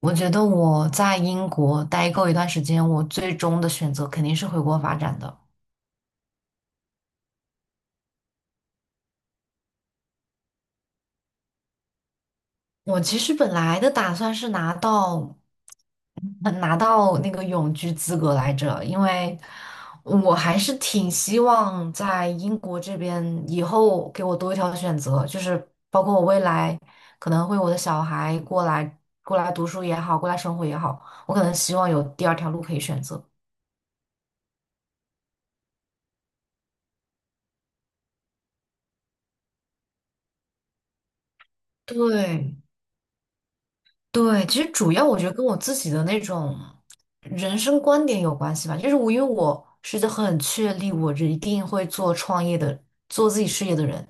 我觉得我在英国待够一段时间，我最终的选择肯定是回国发展的。我其实本来的打算是拿到，拿到那个永居资格来着，因为我还是挺希望在英国这边以后给我多一条选择，就是包括我未来可能会我的小孩过来读书也好，过来生活也好，我可能希望有第二条路可以选择。对，对，其实主要我觉得跟我自己的那种人生观点有关系吧，就是我因为我是一个很确立我一定会做创业的、做自己事业的人，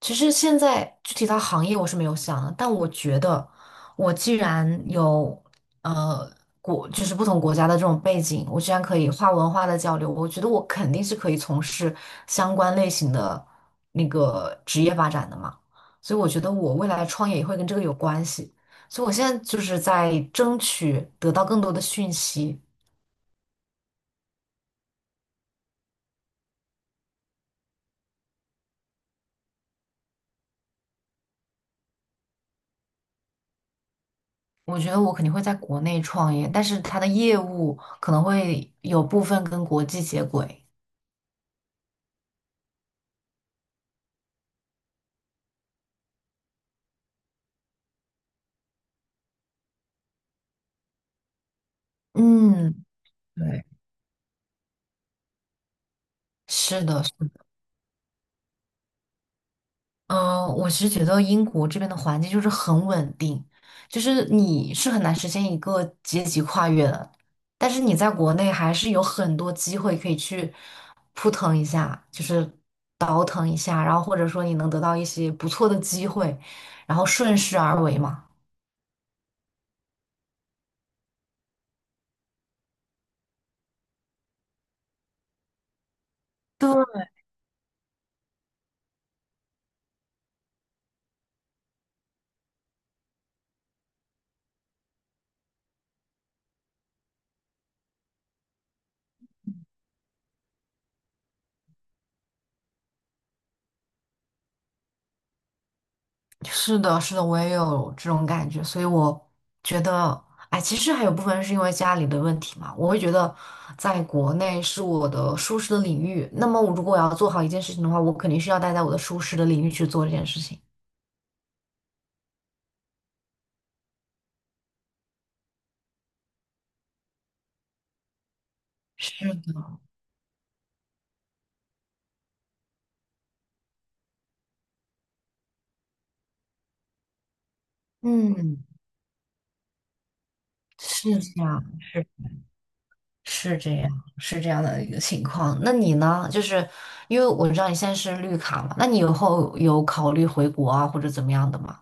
其实现在具体到行业我是没有想的，但我觉得我既然有呃就是不同国家的这种背景，我既然可以跨文化的交流，我觉得我肯定是可以从事相关类型的那个职业发展的嘛。所以我觉得我未来创业也会跟这个有关系。所以我现在就是在争取得到更多的讯息。我觉得我肯定会在国内创业，但是它的业务可能会有部分跟国际接轨。嗯。对，是的，是的，嗯，我是觉得英国这边的环境就是很稳定，就是你是很难实现一个阶级跨越的，但是你在国内还是有很多机会可以去扑腾一下，就是倒腾一下，然后或者说你能得到一些不错的机会，然后顺势而为嘛。对。是的，是的，我也有这种感觉，所以我觉得，哎，其实还有部分是因为家里的问题嘛。我会觉得，在国内是我的舒适的领域，那么我如果我要做好一件事情的话，我肯定是要待在我的舒适的领域去做这件事情。是的，嗯，是这样，是这样，是这样的一个情况。那你呢？就是因为我知道你现在是绿卡嘛，那你以后有考虑回国啊，或者怎么样的吗？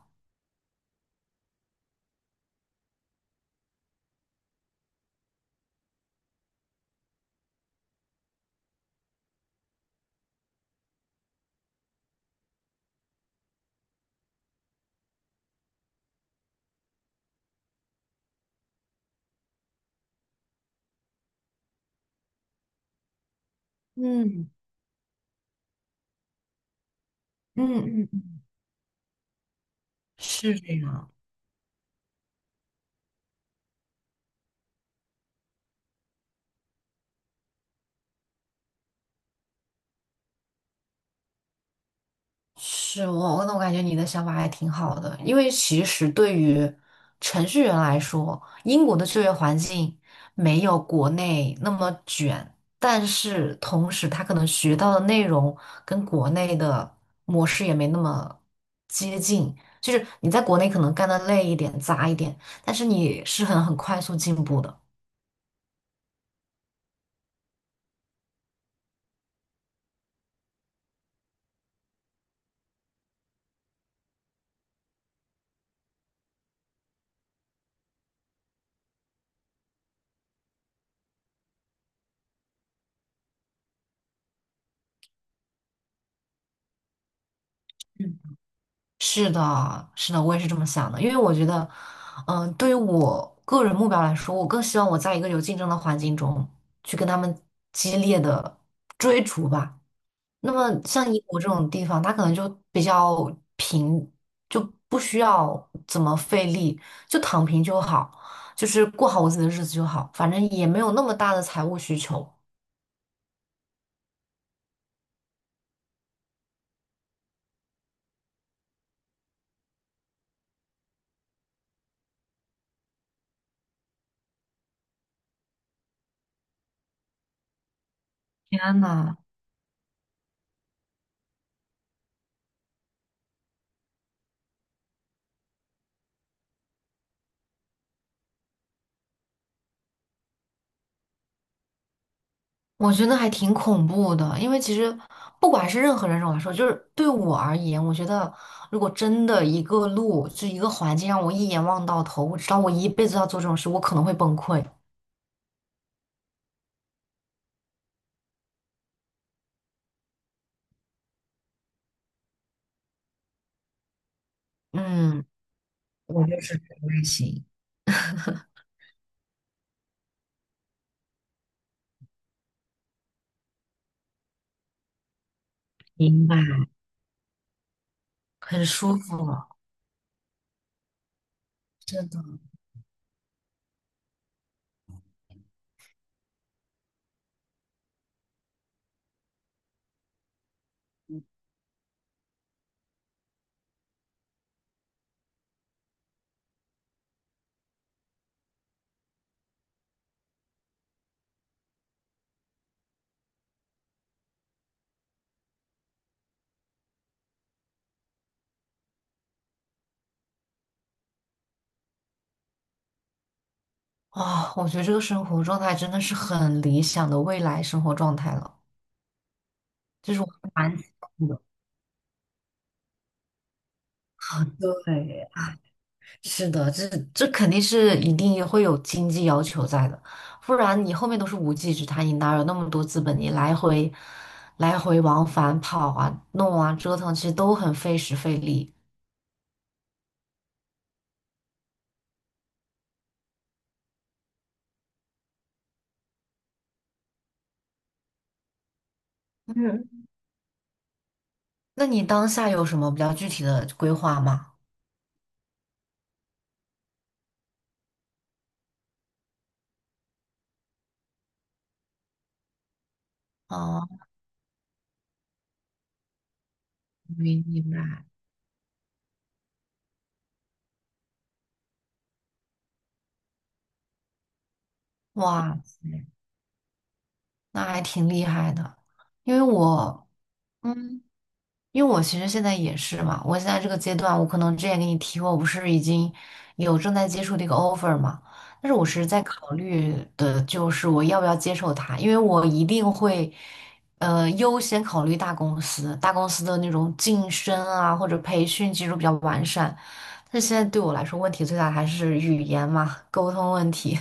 嗯，嗯，嗯，嗯，是这样。是我，那我感觉你的想法还挺好的，因为其实对于程序员来说，英国的就业环境没有国内那么卷，但是同时他可能学到的内容跟国内的模式也没那么接近，就是你在国内可能干得累一点、杂一点，但是你是很快速进步的。是的，是的，我也是这么想的，因为我觉得，嗯、对于我个人目标来说，我更希望我在一个有竞争的环境中去跟他们激烈的追逐吧。那么像英国这种地方，它可能就比较平，就不需要怎么费力，就躺平就好，就是过好我自己的日子就好，反正也没有那么大的财务需求。天呐！我觉得还挺恐怖的，因为其实不管是任何人来说，就是对我而言，我觉得如果真的一个路，就一个环境让我一眼望到头，我知道我一辈子要做这种事，我可能会崩溃。嗯，我就是这种类型，明白，很舒服真的。哇，我觉得这个生活状态真的是很理想的未来生活状态了，就是我的。对，是的，这肯定是一定也会有经济要求在的，不然你后面都是无稽之谈。你哪有那么多资本？你来回往返跑啊、弄啊、折腾，其实都很费时费力。嗯，那你当下有什么比较具体的规划吗？啊，明，明白，哇塞，那还挺厉害的。因为我，嗯，因为我其实现在也是嘛，我现在这个阶段，我可能之前给你提过，我不是已经有正在接触的一个 offer 嘛，但是我是在考虑的就是我要不要接受它，因为我一定会，优先考虑大公司，大公司的那种晋升啊或者培训技术比较完善，但是现在对我来说问题最大还是语言嘛，沟通问题。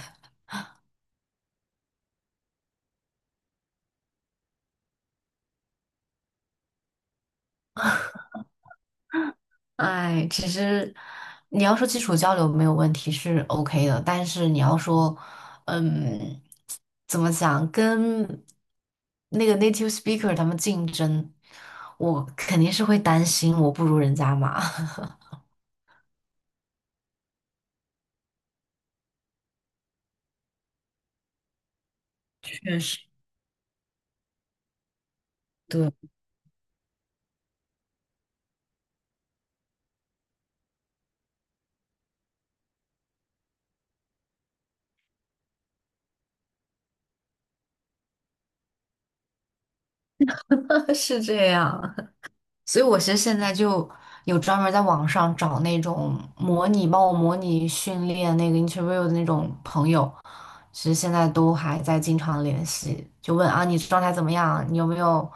哎，其实你要说基础交流没有问题是 OK 的，但是你要说，嗯，怎么讲，跟那个 native speaker 他们竞争，我肯定是会担心我不如人家嘛，确实，对，是这样。所以我其实现在就有专门在网上找那种模拟帮我模拟训练那个 interview 的那种朋友，其实现在都还在经常联系，就问啊你状态怎么样，你有没有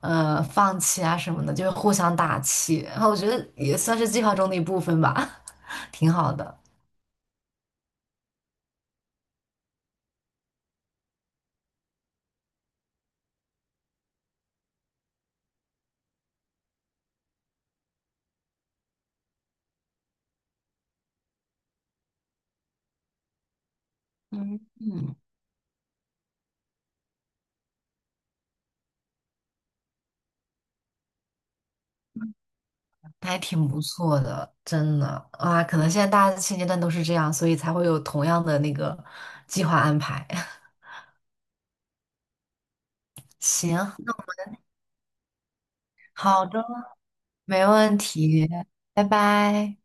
放弃啊什么的，就是互相打气，然后我觉得也算是计划中的一部分吧，挺好的。嗯，还挺不错的，真的啊！可能现在大家现阶段都是这样，所以才会有同样的那个计划安排。行，好的，没问题，拜拜。